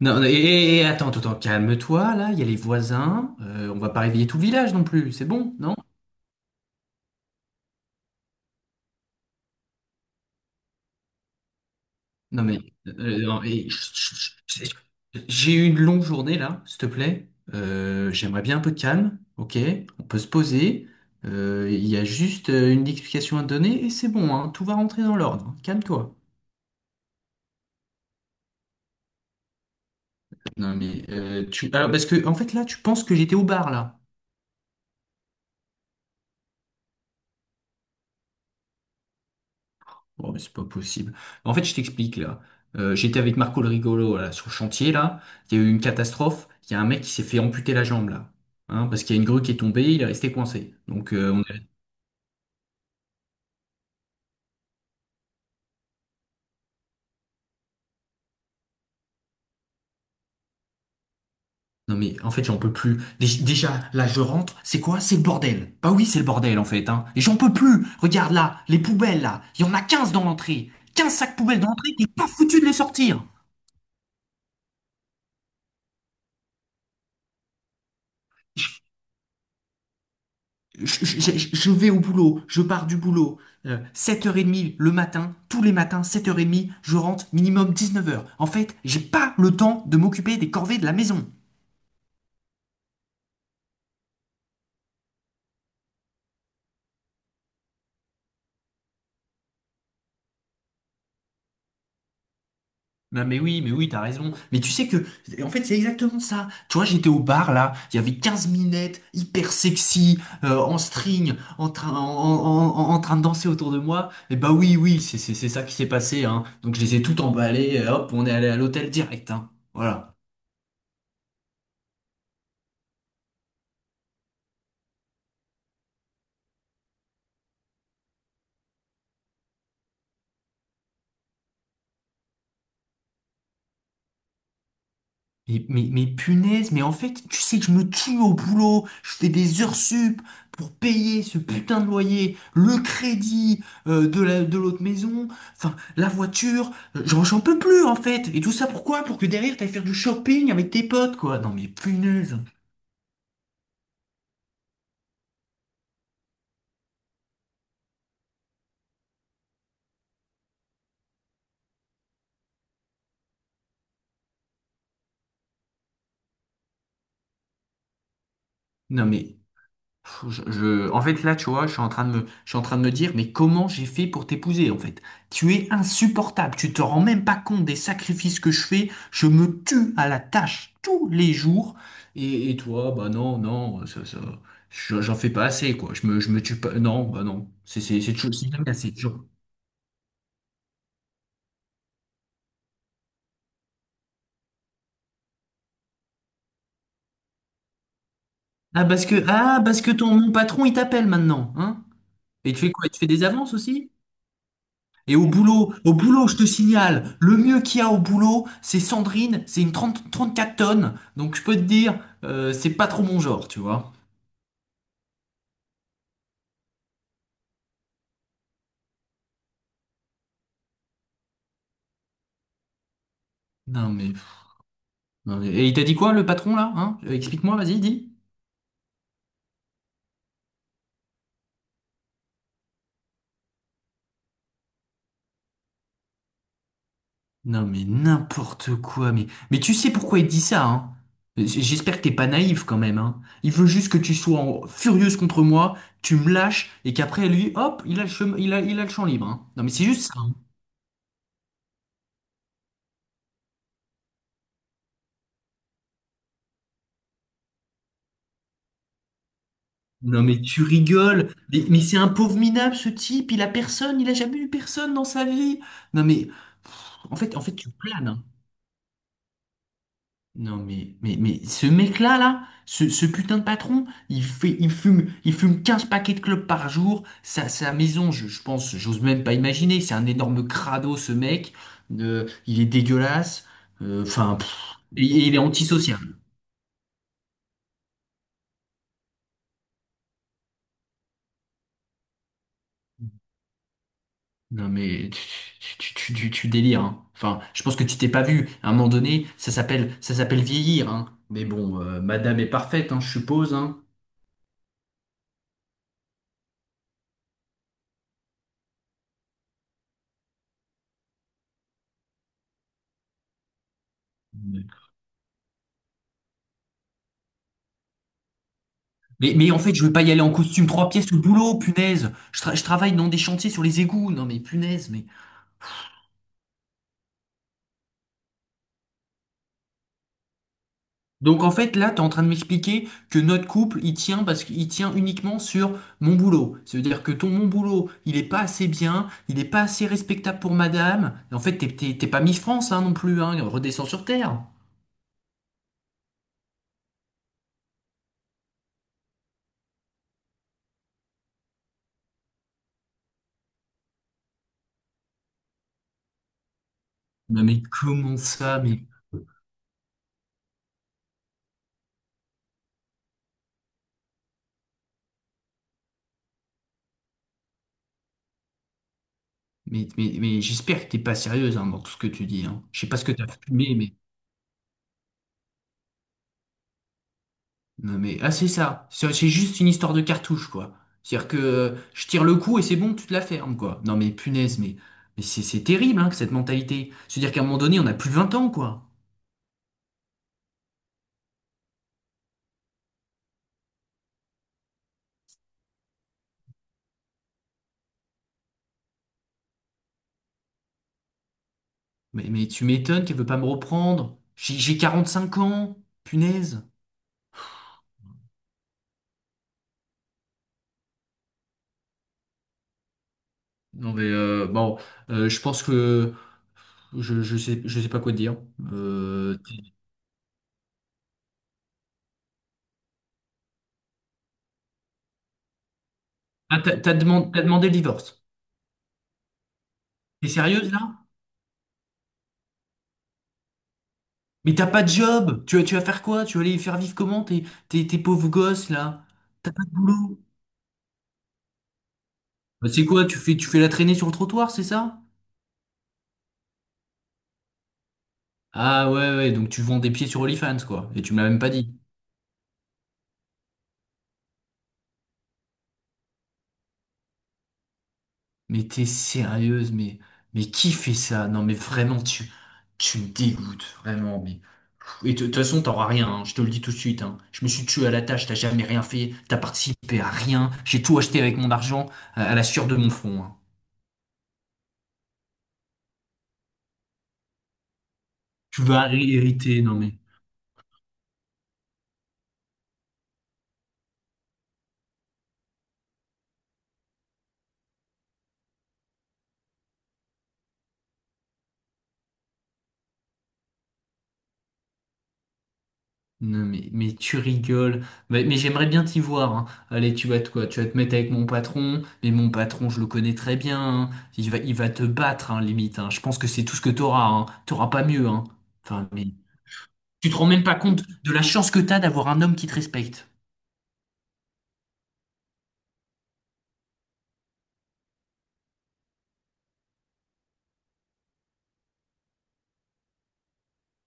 Non, et attends, attends, calme-toi, là, il y a les voisins, on va pas réveiller tout le village non plus, c'est bon, non? Non mais, non, chut, chut, chut, chut. J'ai eu une longue journée là, s'il te plaît. J'aimerais bien un peu de calme, ok? On peut se poser. Il y a juste une explication à te donner et c'est bon, hein, tout va rentrer dans l'ordre, calme-toi. Non mais, Alors parce que, en fait là, tu penses que j'étais au bar là. Bon, mais c'est pas possible. En fait, je t'explique là. J'étais avec Marco le rigolo là, sur le chantier là. Il y a eu une catastrophe. Il y a un mec qui s'est fait amputer la jambe là, hein, parce qu'il y a une grue qui est tombée, il est resté coincé. Non mais en fait j'en peux plus. Déjà là je rentre, c'est quoi? C'est le bordel. Bah oui c'est le bordel en fait, hein. Et j'en peux plus. Regarde là, les poubelles là, il y en a 15 dans l'entrée. 15 sacs poubelles dans l'entrée, t'es pas foutu de les sortir. Je vais au boulot, je pars du boulot, 7h30 le matin, tous les matins, 7h30, je rentre minimum 19h. En fait, j'ai pas le temps de m'occuper des corvées de la maison. Non mais oui, mais oui, t'as raison. Mais tu sais que, en fait, c'est exactement ça. Tu vois, j'étais au bar là, il y avait 15 minettes hyper sexy, en string, en train, en, en- en- en train de danser autour de moi. Et bah oui, oui, c'est ça qui s'est passé, hein. Donc je les ai toutes emballées, et hop, on est allé à l'hôtel direct, hein. Voilà. Mais punaise, mais en fait, tu sais que je me tue au boulot, je fais des heures sup pour payer ce putain de loyer, le crédit de l'autre maison, enfin, la voiture, j'en peux plus en fait. Et tout ça pourquoi? Pour que derrière, t'ailles faire du shopping avec tes potes, quoi. Non mais punaise. Non mais en fait, là, tu vois, je suis en train de me dire, mais comment j'ai fait pour t'épouser, en fait? Tu es insupportable. Tu te rends même pas compte des sacrifices que je fais. Je me tue à la tâche tous les jours. Et toi, bah non, non, j'en fais pas assez, quoi. Je me tue pas. Non, bah non. C'est toujours, c'est jamais assez, toujours. Ah, parce que, mon patron, il t'appelle maintenant, hein? Et tu fais quoi? Tu fais des avances aussi? Et au boulot, je te signale, le mieux qu'il y a au boulot, c'est Sandrine, c'est une 34 tonnes. Donc je peux te dire, c'est pas trop mon genre, tu vois. Non mais, et il t'a dit quoi, le patron, là, hein? Explique-moi, vas-y, dis. Non mais n'importe quoi, mais... Mais tu sais pourquoi il dit ça, hein? J'espère que t'es pas naïf quand même, hein. Il veut juste que tu sois furieuse contre moi, tu me lâches, et qu'après lui, hop, il a le champ libre, hein. Non mais c'est juste ça, hein. Non mais tu rigoles, mais c'est un pauvre minable ce type, il a personne, il a jamais eu personne dans sa vie. Non mais en fait tu planes, hein. Non mais ce mec-là là, ce putain de patron, il fume 15 paquets de clopes par jour, sa maison, je pense, j'ose même pas imaginer, c'est un énorme crado ce mec. Il est dégueulasse. Enfin et il est antisocial. Non mais tu délires, hein. Enfin, je pense que tu t'es pas vu. À un moment donné, ça s'appelle vieillir, hein. Mais bon, madame est parfaite, hein, je suppose, hein. Mais en fait, je veux pas y aller en costume trois pièces au boulot, punaise. Je travaille dans des chantiers sur les égouts. Non mais punaise, mais. Donc en fait, là, t'es en train de m'expliquer que notre couple, il tient parce qu'il tient uniquement sur mon boulot. Ça veut dire que ton mon boulot, il est pas assez bien, il est pas assez respectable pour madame. Et en fait, t'es pas Miss France, hein, non plus, hein. Redescends sur Terre. Non mais comment ça? Mais j'espère que t'es pas sérieuse, hein, dans tout ce que tu dis, hein. Je sais pas ce que t'as fumé, mais. Non mais. Ah c'est ça. C'est juste une histoire de cartouche, quoi. C'est-à-dire que je tire le coup et c'est bon, tu te la fermes, quoi. Non mais punaise, mais c'est terrible, hein, que cette mentalité. C'est-à-dire qu'à un moment donné, on a plus de 20 ans, quoi. Mais tu m'étonnes qu'elle veut pas me reprendre. J'ai 5 ans, punaise. Non mais bon, je pense que je sais pas quoi te dire. Euh, t'as demandé le divorce. T'es sérieuse là? Mais t'as pas de job! Tu vas faire quoi? Tu vas aller faire vivre comment tes pauvres gosses là? T'as pas de boulot? Bah, c'est quoi? Tu fais la traînée sur le trottoir, c'est ça? Ah ouais, ouais, donc tu vends des pieds sur OnlyFans quoi. Et tu me l'as même pas dit. Mais t'es sérieuse, mais qui fait ça? Non mais vraiment, tu me dégoûtes, vraiment. Mais... Et de toute façon, t'auras rien, hein, je te le dis tout de suite, hein. Je me suis tué à la tâche, t'as jamais rien fait, t'as participé à rien, j'ai tout acheté avec mon argent, à la sueur de mon front, hein. Tu vas hériter, non mais. Non, mais, tu rigoles. Mais j'aimerais bien t'y voir, hein. Allez, tu vas te mettre avec mon patron. Mais mon patron, je le connais très bien, hein. Il va te battre, hein, limite, hein. Je pense que c'est tout ce que t'auras, hein. T'auras pas mieux, hein. Enfin, mais tu te rends même pas compte de la chance que t'as d'avoir un homme qui te respecte.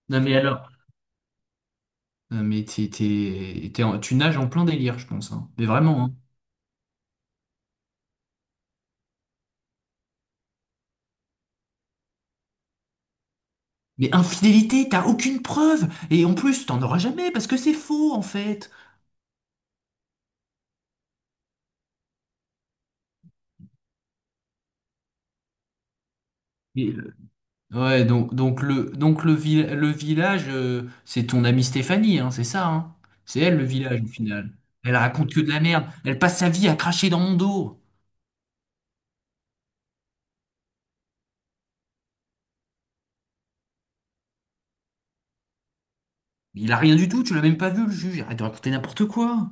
Non, mais alors. Non, mais tu nages en plein délire, je pense, hein. Mais vraiment, hein. Mais infidélité, t'as aucune preuve. Et en plus, t'en auras jamais parce que c'est faux, en fait. Ouais, le village, c'est ton amie Stéphanie, hein, c'est ça, hein. C'est elle le village au final. Elle raconte que de la merde. Elle passe sa vie à cracher dans mon dos. Il a rien du tout, tu l'as même pas vu, le juge. Arrête de raconter n'importe quoi.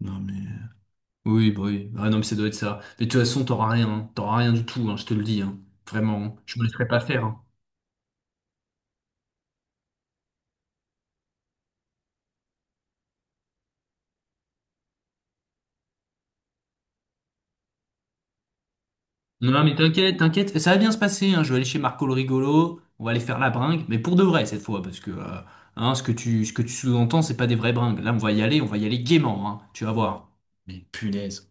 Non mais. Oui, bah oui. Ah non, mais ça doit être ça. Mais de toute façon, t'auras rien, hein. T'auras rien du tout, hein, je te le dis, hein. Vraiment, hein. Je me laisserai pas faire, hein. Non, mais t'inquiète, t'inquiète, ça va bien se passer, hein. Je vais aller chez Marco le rigolo, on va aller faire la bringue, mais pour de vrai cette fois, parce que hein, ce que tu sous-entends, c'est pas des vraies bringues. Là, on va y aller, on va y aller gaiement, hein. Tu vas voir. Mais punaise.